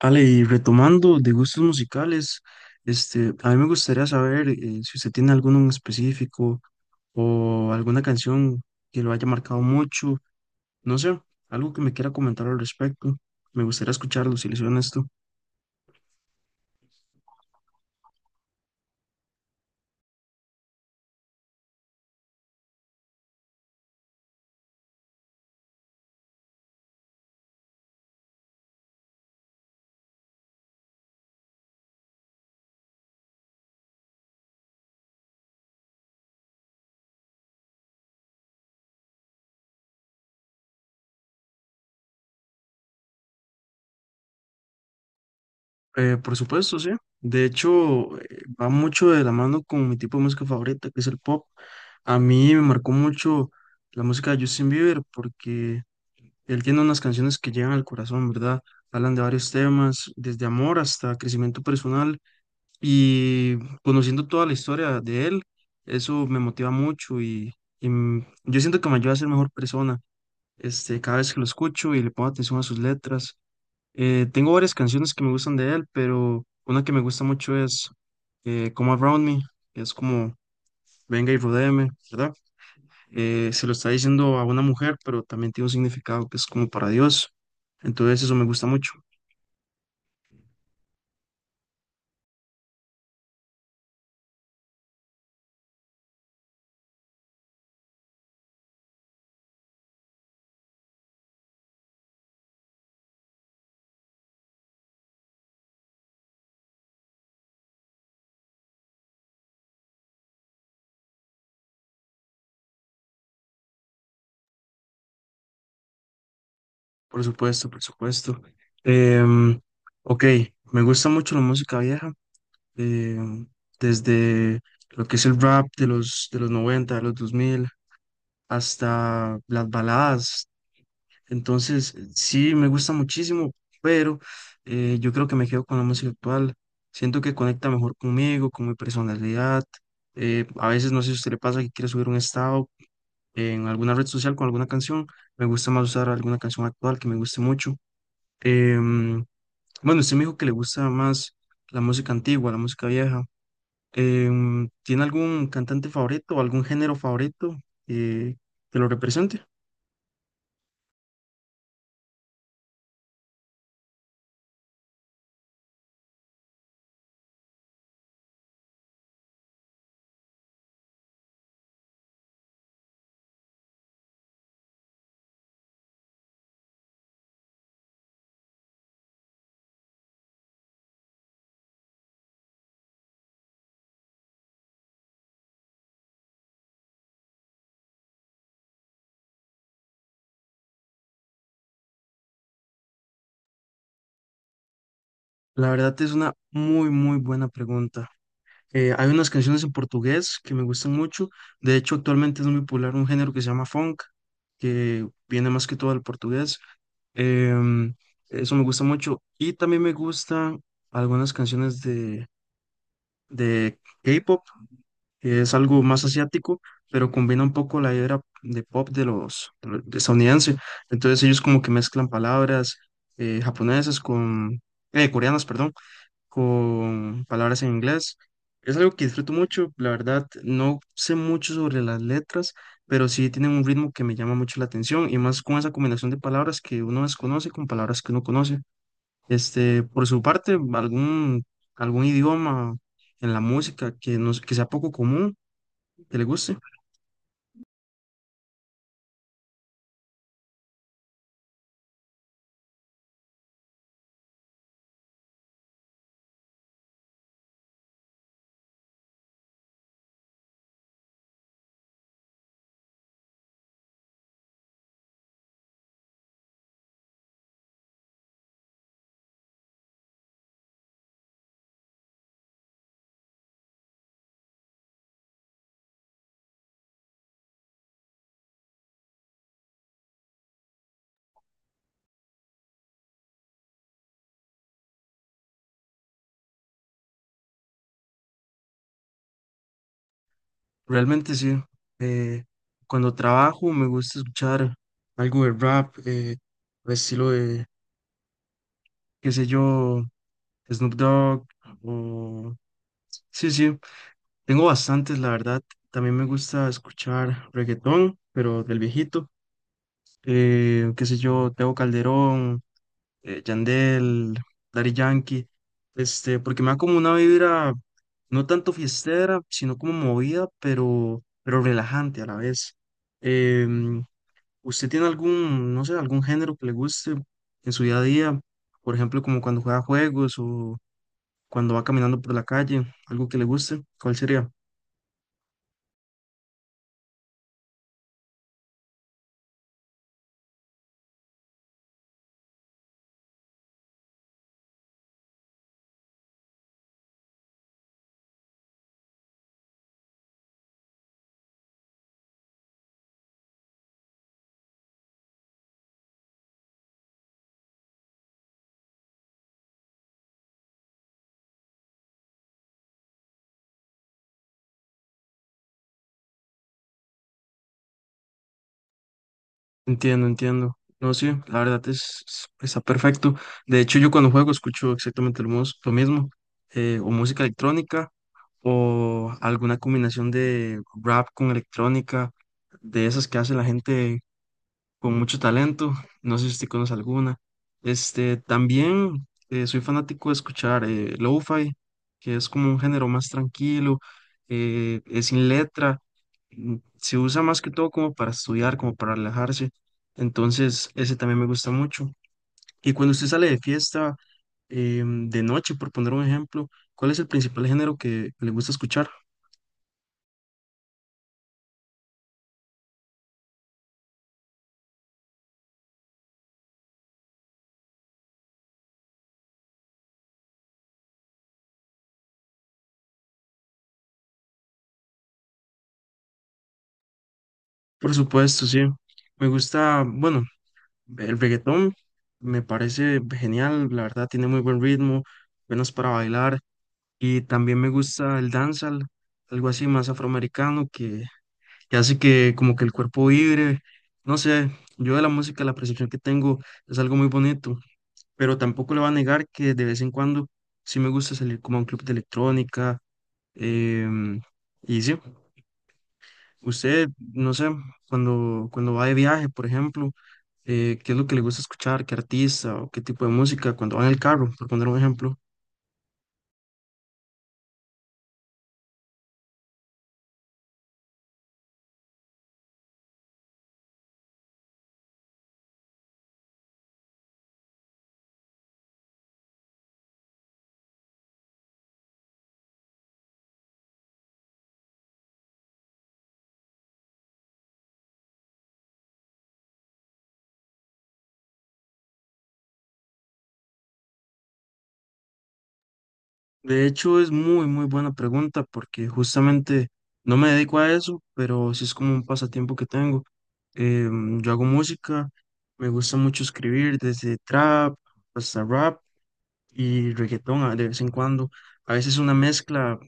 Ale, y retomando de gustos musicales, a mí me gustaría saber si usted tiene alguno en específico o alguna canción que lo haya marcado mucho, no sé, algo que me quiera comentar al respecto. Me gustaría escucharlo si le soy honesto. Por supuesto, sí. De hecho, va mucho de la mano con mi tipo de música favorita, que es el pop. A mí me marcó mucho la música de Justin Bieber porque él tiene unas canciones que llegan al corazón, ¿verdad? Hablan de varios temas, desde amor hasta crecimiento personal y conociendo toda la historia de él, eso me motiva mucho y yo siento que me ayuda a ser mejor persona, cada vez que lo escucho y le pongo atención a sus letras. Tengo varias canciones que me gustan de él, pero una que me gusta mucho es Come Around Me, que es como venga y rodéeme, ¿verdad? Se lo está diciendo a una mujer, pero también tiene un significado que es como para Dios. Entonces eso me gusta mucho, por supuesto, por supuesto. Em, ok, me gusta mucho la música vieja, em, desde lo que es el rap de los 90 de los 2000 hasta las baladas. Entonces sí, me gusta muchísimo, pero yo creo que me quedo con la música actual. Siento que conecta mejor conmigo, con mi personalidad. A veces no sé si a usted le pasa que quiere subir un estado en alguna red social con alguna canción. Me gusta más usar alguna canción actual que me guste mucho. Em, bueno, usted me dijo que le gusta más la música antigua, la música vieja. ¿Tiene algún cantante favorito o algún género favorito eh, que lo represente? La verdad es una muy, muy buena pregunta. Hay unas canciones en portugués que me gustan mucho. De hecho, actualmente es muy popular un género que se llama funk, que viene más que todo del portugués. Em, Eso me gusta mucho. Y también me gustan algunas canciones de K-pop, que es algo más asiático, pero combina un poco la idea de pop de de estadounidense. Entonces ellos como que mezclan palabras japonesas con, coreanas, perdón, con palabras en inglés. Es algo que disfruto mucho, la verdad, no sé mucho sobre las letras, pero sí tienen un ritmo que me llama mucho la atención y más con esa combinación de palabras que uno desconoce con palabras que uno conoce. Por su parte, algún idioma en la música que sea poco común, que le guste. Realmente sí. eh, Cuando trabajo me gusta escuchar algo de rap, al estilo de, qué sé yo, Snoop Dogg. O... Sí, sí, tengo bastantes, la verdad. También me gusta escuchar reggaetón, pero del viejito. Qué sé yo, Teo Calderón, Yandel, Daddy Yankee, porque me da como una vibra no tanto fiestera, sino como movida, pero relajante a la vez. Em, ¿Usted tiene algún, no sé, algún género que le guste en su día a día? Por ejemplo, como cuando juega juegos o cuando va caminando por la calle, algo que le guste, ¿cuál sería? Entiendo, entiendo. No, sí, la verdad está perfecto. De hecho, yo cuando juego escucho exactamente lo mismo, o música electrónica o alguna combinación de rap con electrónica, de esas que hace la gente con mucho talento. No sé si usted conoce alguna. También soy fanático de escuchar lo-fi, que es como un género más tranquilo, es sin letra, se usa más que todo como para estudiar, como para relajarse. Entonces, ese también me gusta mucho. Y cuando usted sale de fiesta, de noche, por poner un ejemplo, ¿cuál es el principal género que le gusta escuchar? Por supuesto, sí. Me gusta, bueno, el reggaetón me parece genial, la verdad tiene muy buen ritmo, buenas para bailar y también me gusta el dancehall, algo así más afroamericano que hace que como que el cuerpo vibre, no sé, yo de la música la percepción que tengo es algo muy bonito, pero tampoco le voy a negar que de vez en cuando sí me gusta salir como a un club de electrónica, em, y sí, usted, no sé, cuando va de viaje, por ejemplo, qué es lo que le gusta escuchar, qué artista o qué tipo de música cuando va en el carro, por poner un ejemplo. De hecho, es muy, muy buena pregunta porque justamente no me dedico a eso, pero sí es como un pasatiempo que tengo. Yo hago música, me gusta mucho escribir desde trap hasta rap y reggaetón de vez en cuando. A veces una mezcla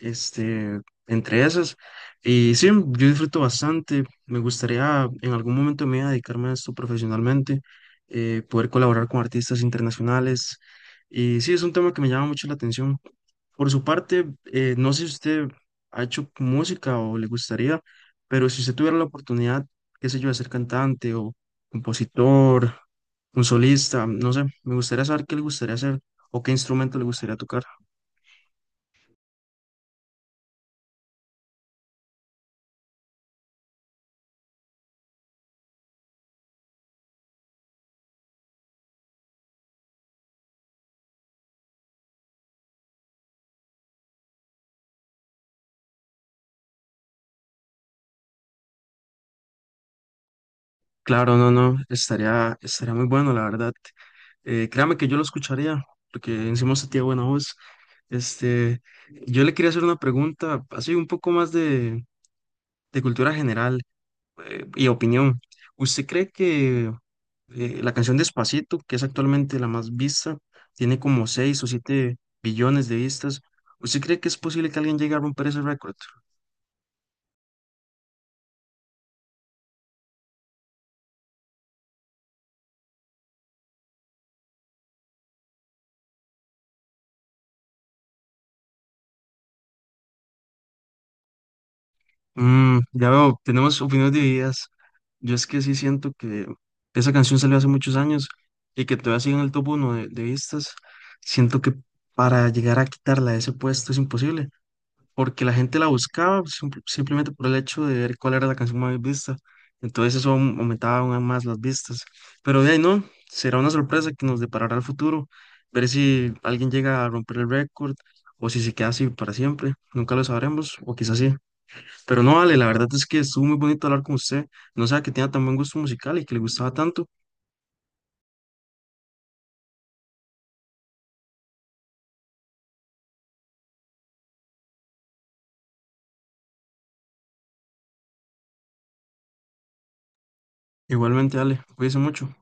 este, entre esas. Y sí, yo disfruto bastante. Me gustaría en algún momento me mi vida dedicarme a esto profesionalmente, poder colaborar con artistas internacionales. Y sí, es un tema que me llama mucho la atención. Por su parte, no sé si usted ha hecho música o le gustaría, pero si usted tuviera la oportunidad, qué sé yo, de ser cantante o compositor, un solista, no sé, me gustaría saber qué le gustaría hacer o qué instrumento le gustaría tocar. Claro, no, no, estaría muy bueno, la verdad. Créame que yo lo escucharía, porque encima usted tiene buena voz. Este, yo le quería hacer una pregunta, así un poco más de cultura general, y opinión. ¿Usted cree que la canción Despacito, que es actualmente la más vista, tiene como 6 o 7 billones de vistas? ¿Usted cree que es posible que alguien llegue a romper ese récord? Mm, ya veo, tenemos opiniones divididas. Yo es que sí siento que esa canción salió hace muchos años y que todavía sigue en el top uno de vistas. Siento que para llegar a quitarla de ese puesto es imposible, porque la gente la buscaba simplemente por el hecho de ver cuál era la canción más vista. Entonces eso aumentaba aún más las vistas. Pero de ahí no, será una sorpresa que nos deparará el futuro, ver si alguien llega a romper el récord o si se queda así para siempre. Nunca lo sabremos, o quizás sí. Pero no vale, la verdad es que estuvo muy bonito hablar con usted. No sabía que tenía tan buen gusto musical y que le gustaba tanto. Igualmente, Ale, cuídese mucho.